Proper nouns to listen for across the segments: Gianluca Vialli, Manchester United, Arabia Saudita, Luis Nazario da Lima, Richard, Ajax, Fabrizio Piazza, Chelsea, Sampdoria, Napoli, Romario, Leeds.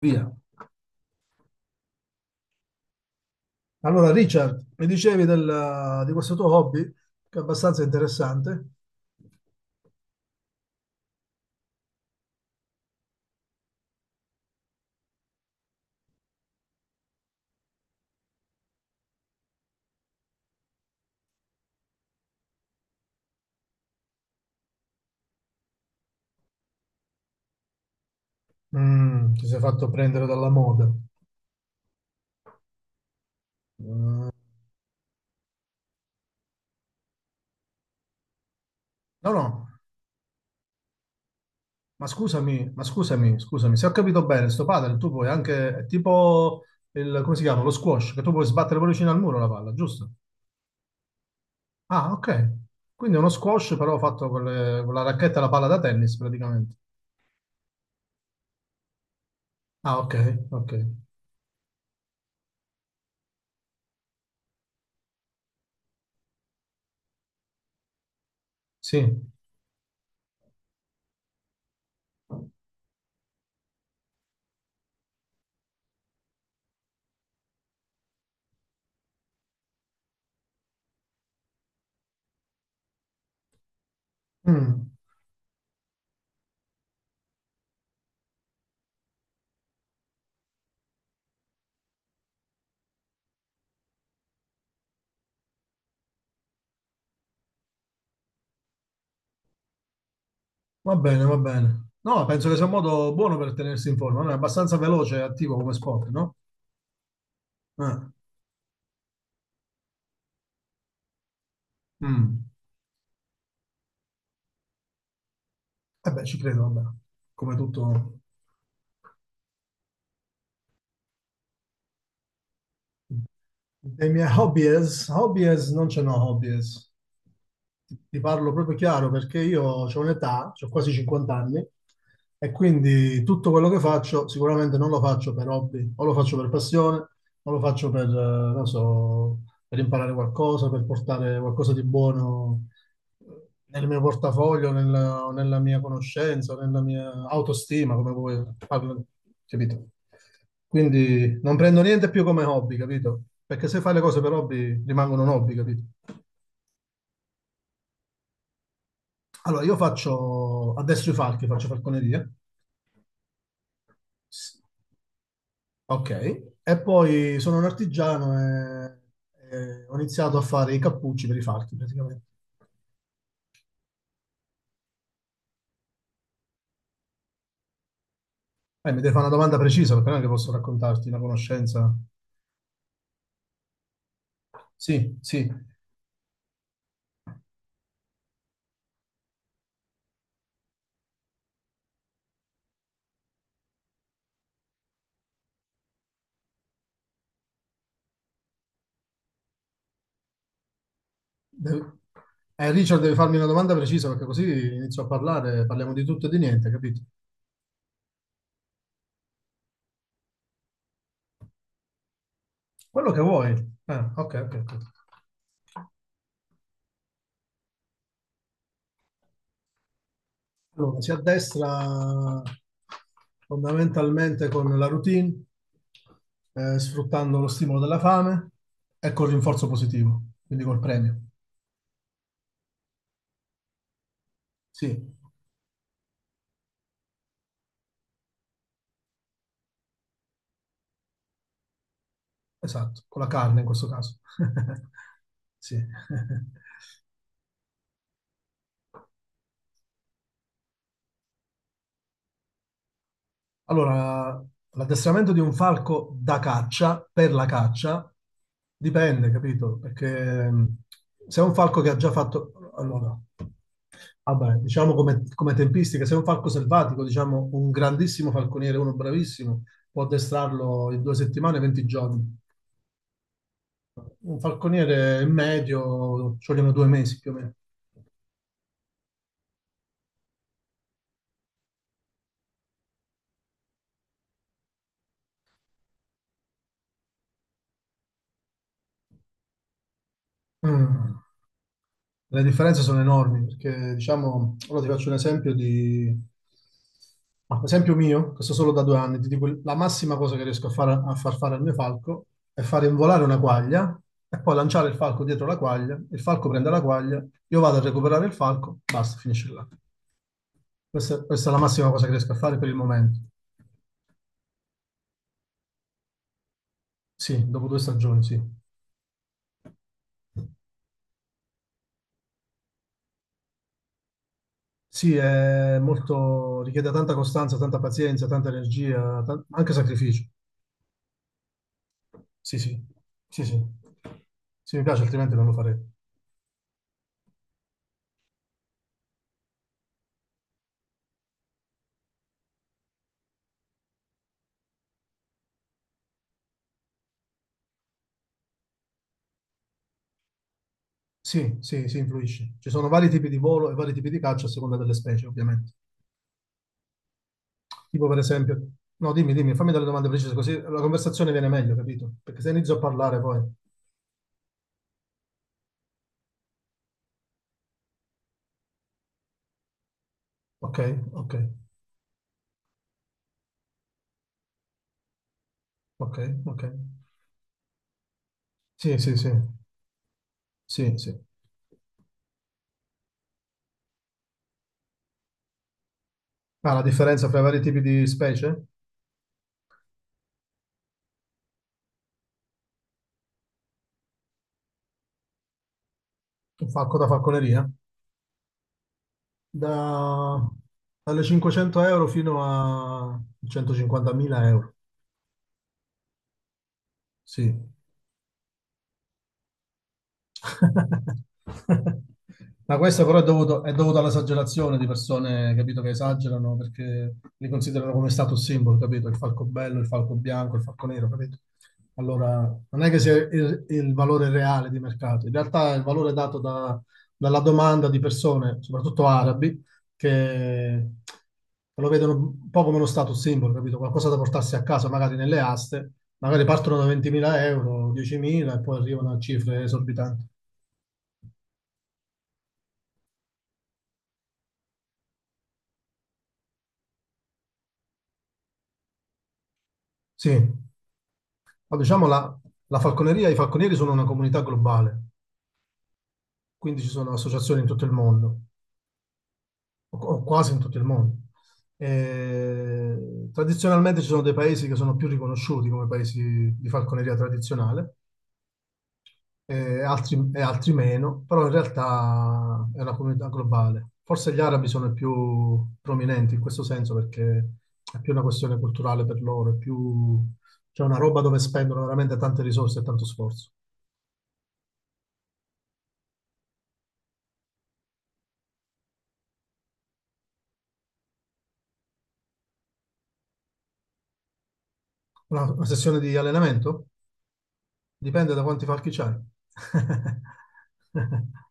Via. Allora, Richard, mi dicevi di questo tuo hobby, che è abbastanza interessante. Mm, ti sei fatto prendere dalla moda. No, no, ma scusami, scusami, se ho capito bene, sto padel, tu puoi anche, è tipo il, come si chiama, lo squash, che tu puoi sbattere pure vicino al muro la palla, giusto? Ah, ok. Quindi è uno squash però fatto con, con la racchetta e la palla da tennis praticamente. Ah, ok, ok. Sì. Mm. Va bene, va bene. No, penso che sia un modo buono per tenersi in forma, no? È abbastanza veloce e attivo come sport, no? Eh, mm. Eh beh, ci credo, vabbè. Come tutto... Dei miei hobbies, hobbies non ce n'ho hobbies. Ti parlo proprio chiaro perché io ho un'età, ho quasi 50 anni, e quindi tutto quello che faccio sicuramente non lo faccio per hobby, o lo faccio per passione, o lo faccio per, non so, per imparare qualcosa, per portare qualcosa di buono nel mio portafoglio, nella, o nella mia conoscenza, o nella mia autostima, come vuoi, capito? Quindi non prendo niente più come hobby, capito? Perché se fai le cose per hobby rimangono un hobby, capito? Allora, io faccio adesso i falchi, faccio falconeria. S- Ok. E poi sono un artigiano e ho iniziato a fare i cappucci per i falchi, praticamente. Mi devi fare una domanda precisa, perché non è che posso raccontarti una conoscenza. Sì, sì. De- Richard, devi farmi una domanda precisa perché così inizio a parlare, parliamo di tutto e di niente, capito? Quello che vuoi. Ah, ok, ok, ok. Allora, si addestra fondamentalmente con la routine, sfruttando lo stimolo della fame e col rinforzo positivo, quindi col premio. Sì, esatto, con la carne in questo caso. Sì. Allora, l'addestramento di un falco da caccia, per la caccia, dipende, capito? Perché se è un falco che ha già fatto... Allora, vabbè, diciamo come, come tempistica, se è un falco selvatico, diciamo un grandissimo falconiere, uno bravissimo, può addestrarlo in 2 settimane, 20 giorni. Un falconiere medio ci vogliono 2 mesi più o meno. Mm. Le differenze sono enormi perché, diciamo, ora ti faccio un esempio di, ma, esempio mio, questo solo da 2 anni, ti dico la massima cosa che riesco a, fare, a far fare al mio falco è far involare una quaglia e poi lanciare il falco dietro la quaglia, il falco prende la quaglia, io vado a recuperare il falco, basta, finisce là. Questa è la massima cosa che riesco a fare per il momento. Sì, dopo 2 stagioni, sì. Sì, è molto, richiede tanta costanza, tanta pazienza, tanta energia, anche sacrificio. Sì, sì, sì, sì. Sì, mi piace, altrimenti non lo farei. Sì, sì, sì, influisce. Ci sono vari tipi di volo e vari tipi di caccia a seconda delle specie, ovviamente. Tipo, per esempio, no, dimmi, dimmi, fammi delle domande precise, così la conversazione viene meglio, capito? Perché se inizio a parlare poi. Ok, ok, ok, ok. Sì, sì, sì, sì, sì. Ah, la differenza tra i vari tipi di specie? Un falco da falconeria? Da... Dalle 500 euro fino a 150.000 euro. Sì, Ma questo però è dovuto all'esagerazione di persone, capito, che esagerano perché li considerano come status symbol, capito? Il falco bello, il falco bianco, il falco nero, capito? Allora, non è che sia il valore reale di mercato, in realtà è il valore dato dalla domanda di persone, soprattutto arabi, che lo vedono un po' come uno status symbol, capito? Qualcosa da portarsi a casa, magari nelle aste, magari partono da 20.000 euro, 10.000 e poi arrivano a cifre esorbitanti. Sì, ma diciamo la falconeria, i falconieri sono una comunità globale, quindi ci sono associazioni in tutto il mondo, o quasi in tutto il mondo. E tradizionalmente ci sono dei paesi che sono più riconosciuti come paesi di falconeria tradizionale e altri meno, però in realtà è una comunità globale. Forse gli arabi sono i più prominenti in questo senso perché è più una questione culturale per loro, è più, c'è una roba dove spendono veramente tante risorse e tanto sforzo. Una sessione di allenamento? Dipende da quanti falchi c'hai.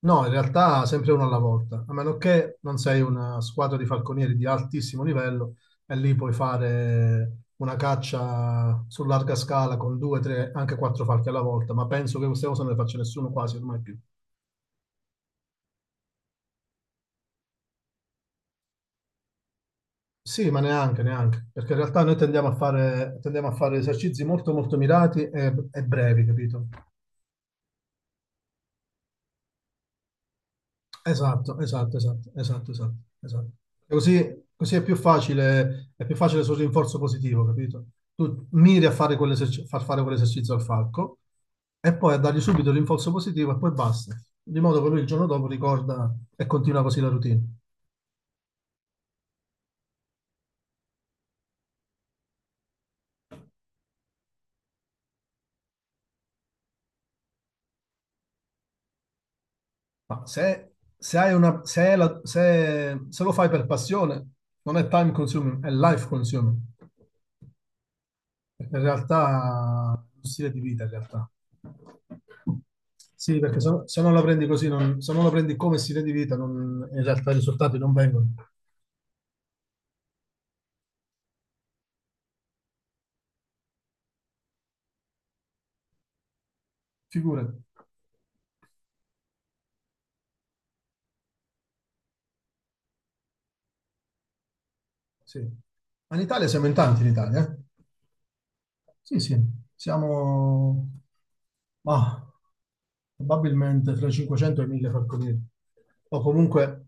No, in realtà sempre uno alla volta, a meno che non sei una squadra di falconieri di altissimo livello e lì puoi fare una caccia su larga scala con due, tre, anche quattro falchi alla volta, ma penso che queste cose non le faccia nessuno quasi ormai più. Sì, ma neanche, neanche, perché in realtà noi tendiamo a fare esercizi molto, molto mirati e brevi, capito? Esatto, esatto, esatto, esatto, esatto, esatto. E così, così è più facile sul rinforzo positivo, capito? Tu miri a fare far fare quell'esercizio al falco e poi a dargli subito l'inforzo positivo e poi basta. Di modo che lui il giorno dopo ricorda e continua così la routine. Ma se, se hai una, se, è la- se- se lo fai per passione, non è time consuming, è life consuming. Perché in realtà è uno stile di vita, in realtà. Sì, perché se non la prendi così, se non la prendi come stile di vita, in realtà i risultati non vengono. Figurati. Sì. Ma in Italia siamo in tanti, in Italia. Eh. Sì, sì, siamo ma, probabilmente fra i 500 e i 1000 falconieri. O comunque.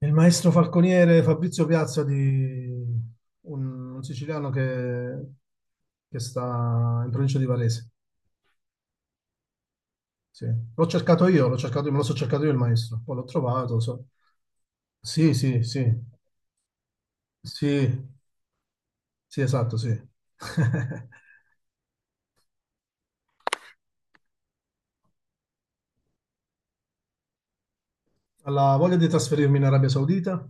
Il maestro falconiere Fabrizio Piazza di un siciliano che sta in provincia di Varese. Sì. L'ho cercato io, me lo so cercato io il maestro, poi l'ho trovato. Sì, sì, sì, sì, sì, esatto, sì. Alla voglia di trasferirmi in Arabia Saudita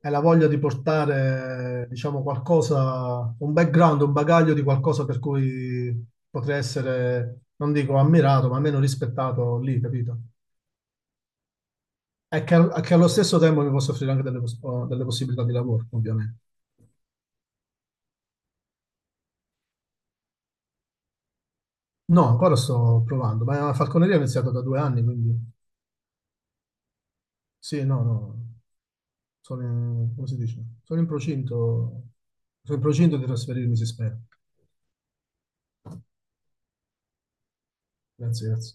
e la voglia di portare, diciamo, qualcosa, un background, un bagaglio di qualcosa per cui potrei essere, non dico ammirato, ma almeno rispettato lì, capito? È che, è che allo stesso tempo mi posso offrire anche delle possibilità di lavoro, ovviamente. No, ancora sto provando, ma la falconeria ho iniziato da 2 anni, quindi sì, no, no, sono in, come si dice? Sono in procinto di trasferirmi, si spera. Grazie, grazie.